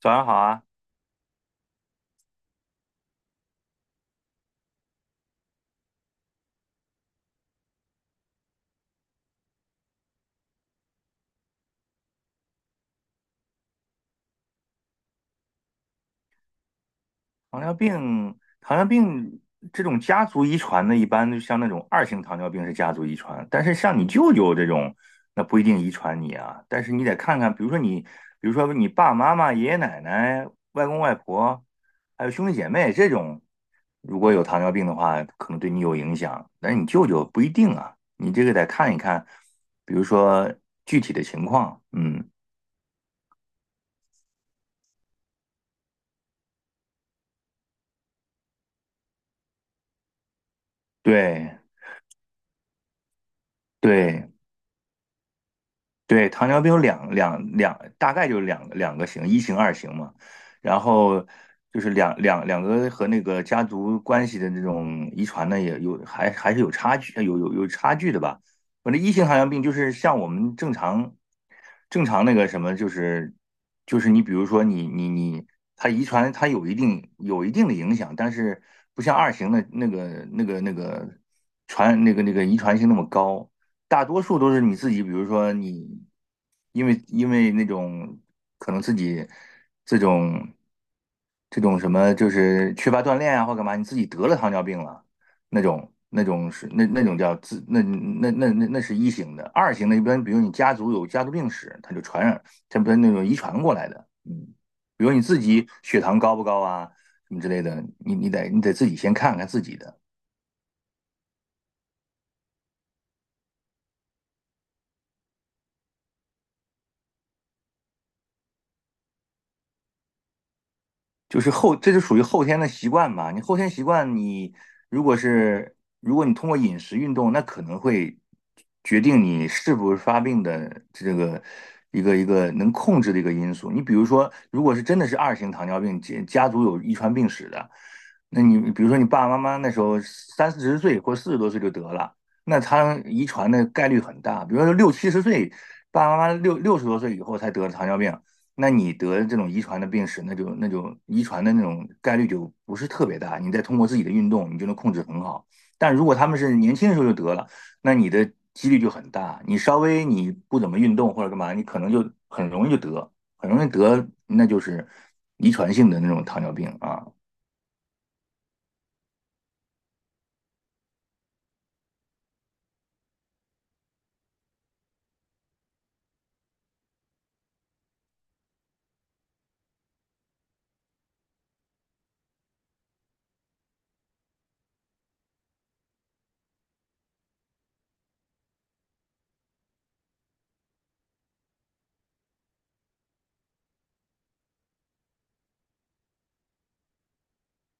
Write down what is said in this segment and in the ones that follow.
早上好啊，糖尿病这种家族遗传的，一般就像那种二型糖尿病是家族遗传，但是像你舅舅这种，那不一定遗传你啊。但是你得看看，比如说你爸爸妈妈、爷爷奶奶、外公外婆，还有兄弟姐妹这种，如果有糖尿病的话，可能对你有影响，但是你舅舅不一定啊。你这个得看一看，比如说具体的情况，嗯，对。对，对，糖尿病有两，大概就是两个型，一型、二型嘛。然后就是两个和那个家族关系的这种遗传呢，也有还是有差距，有差距的吧。反正一型糖尿病就是像我们正常那个什么，就是你比如说你，它遗传它有一定的影响，但是不像二型的那个那个那个传那个那个遗传性那么高。大多数都是你自己，比如说你，因为那种可能自己这种这种什么，就是缺乏锻炼啊，或干嘛，你自己得了糖尿病了，那种是那那种叫自那那那那那是一型的，二型的一般，比如你家族有家族病史，它就传染，它不是那种遗传过来的，比如你自己血糖高不高啊，什么之类的，你得自己先看看自己的。就是后，这就属于后天的习惯吧。你后天习惯，你如果通过饮食运动，那可能会决定你是不是发病的这个一个能控制的一个因素。你比如说，如果是真的是二型糖尿病，家族有遗传病史的，那你比如说你爸爸妈妈那时候三四十岁或四十多岁就得了，那他遗传的概率很大。比如说六七十岁，爸爸妈妈六十多岁以后才得了糖尿病，那你得这种遗传的病史，那就遗传的那种概率就不是特别大。你再通过自己的运动，你就能控制很好。但如果他们是年轻的时候就得了，那你的几率就很大。你稍微你不怎么运动或者干嘛，你可能就很容易就得，很容易得，那就是遗传性的那种糖尿病啊。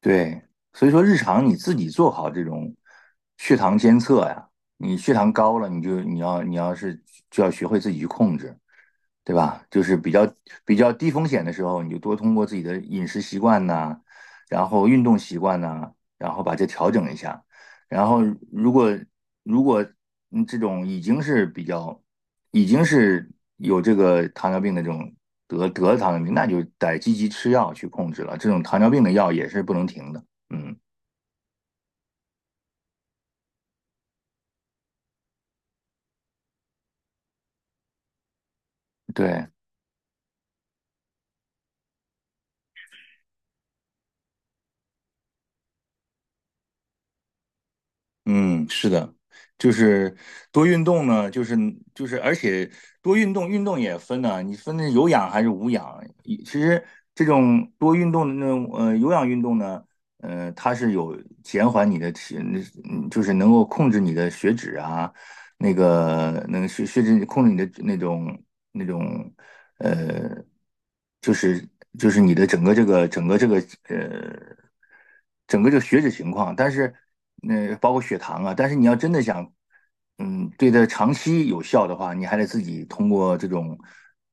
对，所以说日常你自己做好这种血糖监测呀，你血糖高了，你要是就要学会自己去控制，对吧？就是比较低风险的时候，你就多通过自己的饮食习惯呐，然后运动习惯呐，然后把这调整一下。然后如果如果这种已经是有这个糖尿病的这种得了糖尿病，那就得积极吃药去控制了。这种糖尿病的药也是不能停的。嗯，对。嗯，是的，就是多运动呢，就是，而且多运动，运动也分呢、你分的有氧还是无氧。其实这种多运动的那种有氧运动呢，它是有减缓你的体，嗯就是能够控制你的血脂啊，那个能血脂控制你的那种。呃，就是就是你的呃，整个这个血脂情况，但是那包括血糖啊，但是你要真的想，对它长期有效的话，你还得自己通过这种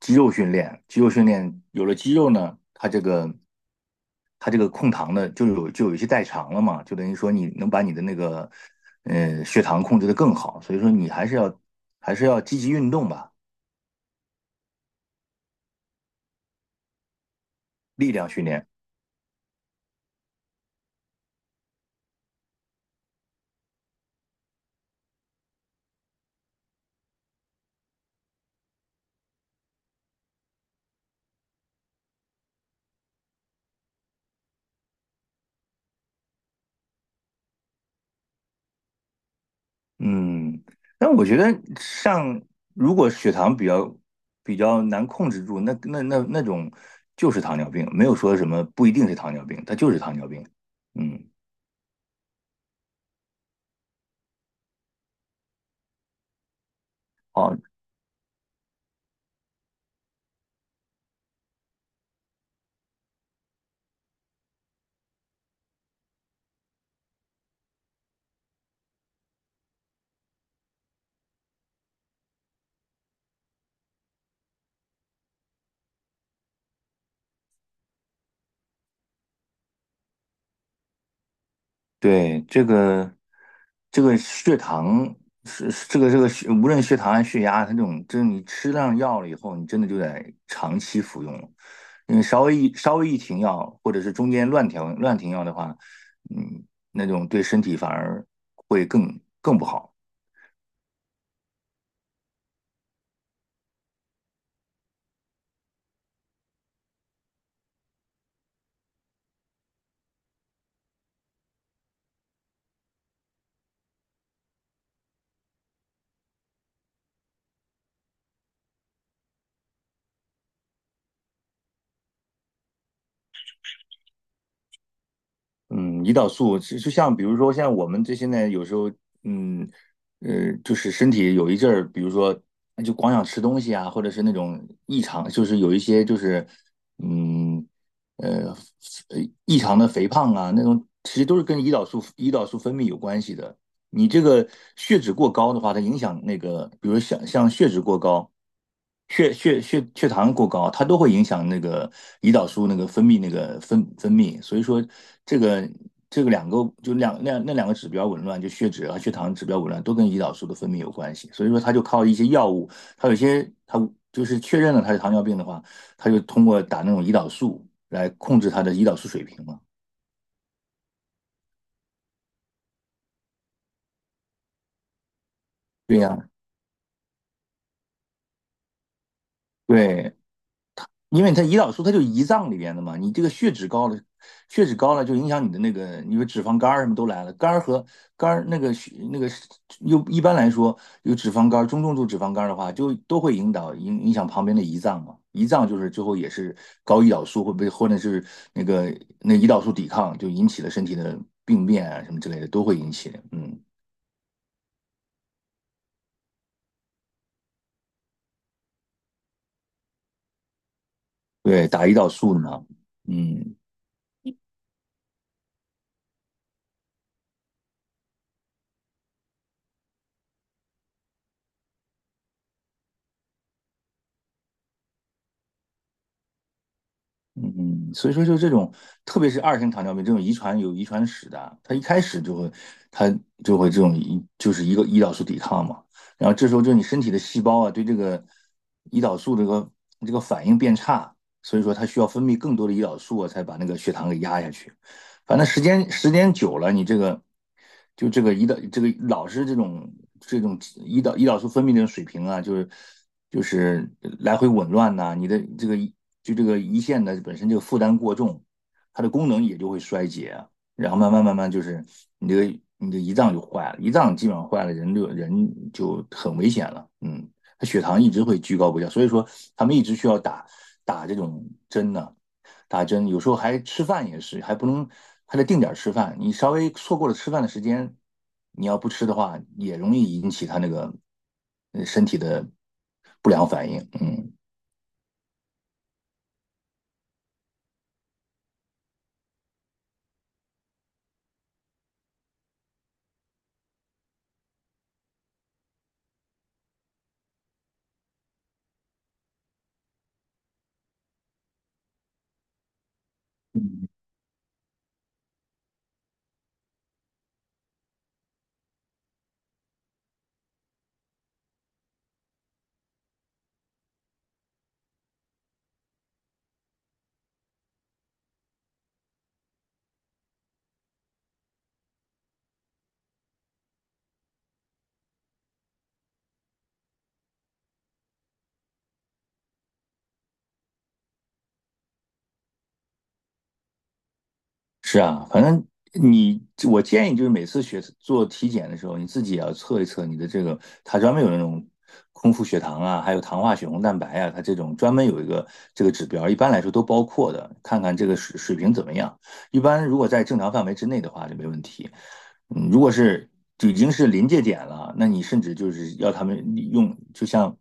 肌肉训练，肌肉训练有了肌肉呢，它这个控糖的就有一些代偿了嘛，就等于说你能把你的那个血糖控制得更好，所以说你还是要积极运动吧，力量训练。嗯，但我觉得上如果血糖比较难控制住，那种就是糖尿病，没有说什么不一定是糖尿病，它就是糖尿病。嗯，对，这个血糖是是这个这个血，无论血糖还是血压，它这种，就是你吃上药了以后，你真的就得长期服用了。你稍微一停药，或者是中间乱调乱停药的话，嗯，那种对身体反而会更不好。嗯，胰岛素就像比如说，像我们这现在有时候，嗯，就是身体有一阵儿，比如说就光想吃东西啊，或者是那种异常，就是有一些嗯，呃呃异常的肥胖啊，那种其实都是跟胰岛素分泌有关系的。你这个血脂过高的话，它影响那个，比如像血脂过高、血糖过高，它都会影响那个胰岛素那个分泌。所以说，这个这个两个指标紊乱，就血脂和血糖指标紊乱，都跟胰岛素的分泌有关系。所以说，它就靠一些药物，它有些它就是确认了它是糖尿病的话，它就通过打那种胰岛素来控制它的胰岛素水平嘛。对呀，对，因为胰岛素就胰脏里边的嘛，你这个血脂高了，血脂高了就影响你的那个，你说脂肪肝儿什么都来了，肝儿和肝儿那个血那个又一般来说有脂肪肝儿，中重度脂肪肝儿的话，就都会引导影影响旁边的胰脏嘛，胰脏就是最后也是高胰岛素会被或者是那个那胰岛素抵抗就引起了身体的病变啊什么之类的都会引起，嗯，对，打胰岛素呢，嗯。嗯，所以说就这种，特别是二型糖尿病这种有遗传史的啊，他就会这种就是一个胰岛素抵抗嘛，然后这时候就你身体的细胞啊对这个胰岛素这个反应变差，所以说它需要分泌更多的胰岛素啊，才把那个血糖给压下去。反正时间久了，你这个就这个胰岛这个老是这种胰岛素分泌这种水平啊，就是来回紊乱呐、啊你的这个就这个胰腺的本身这个负担过重，它的功能也就会衰竭啊然后慢慢慢慢就是你这个你的胰脏就坏了，胰脏基本上坏了，人就很危险了，嗯。他血糖一直会居高不下，所以说他们一直需要打打这种针呢、啊打针，有时候还吃饭也是，还不能还得定点吃饭，你稍微错过了吃饭的时间，你要不吃的话，也容易引起他那个身体的不良反应，嗯嗯是啊，反正你，我建议就是每次学做体检的时候，你自己也要测一测你的这个，它专门有那种空腹血糖啊，还有糖化血红蛋白啊，它这种专门有一个这个指标，一般来说都包括的，看看这个水平怎么样。一般如果在正常范围之内的话就没问题。嗯，如果是就已经是临界点了，那你甚至就是要他们用，就像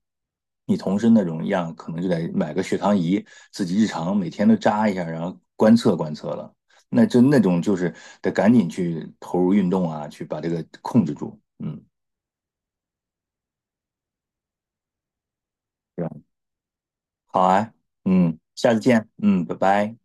你同事那种一样，可能就得买个血糖仪，自己日常每天都扎一下，然后观测观测了。那就那种就是得赶紧去投入运动啊，去把这个控制住。嗯，对吧？好啊，嗯，下次见，嗯，拜拜。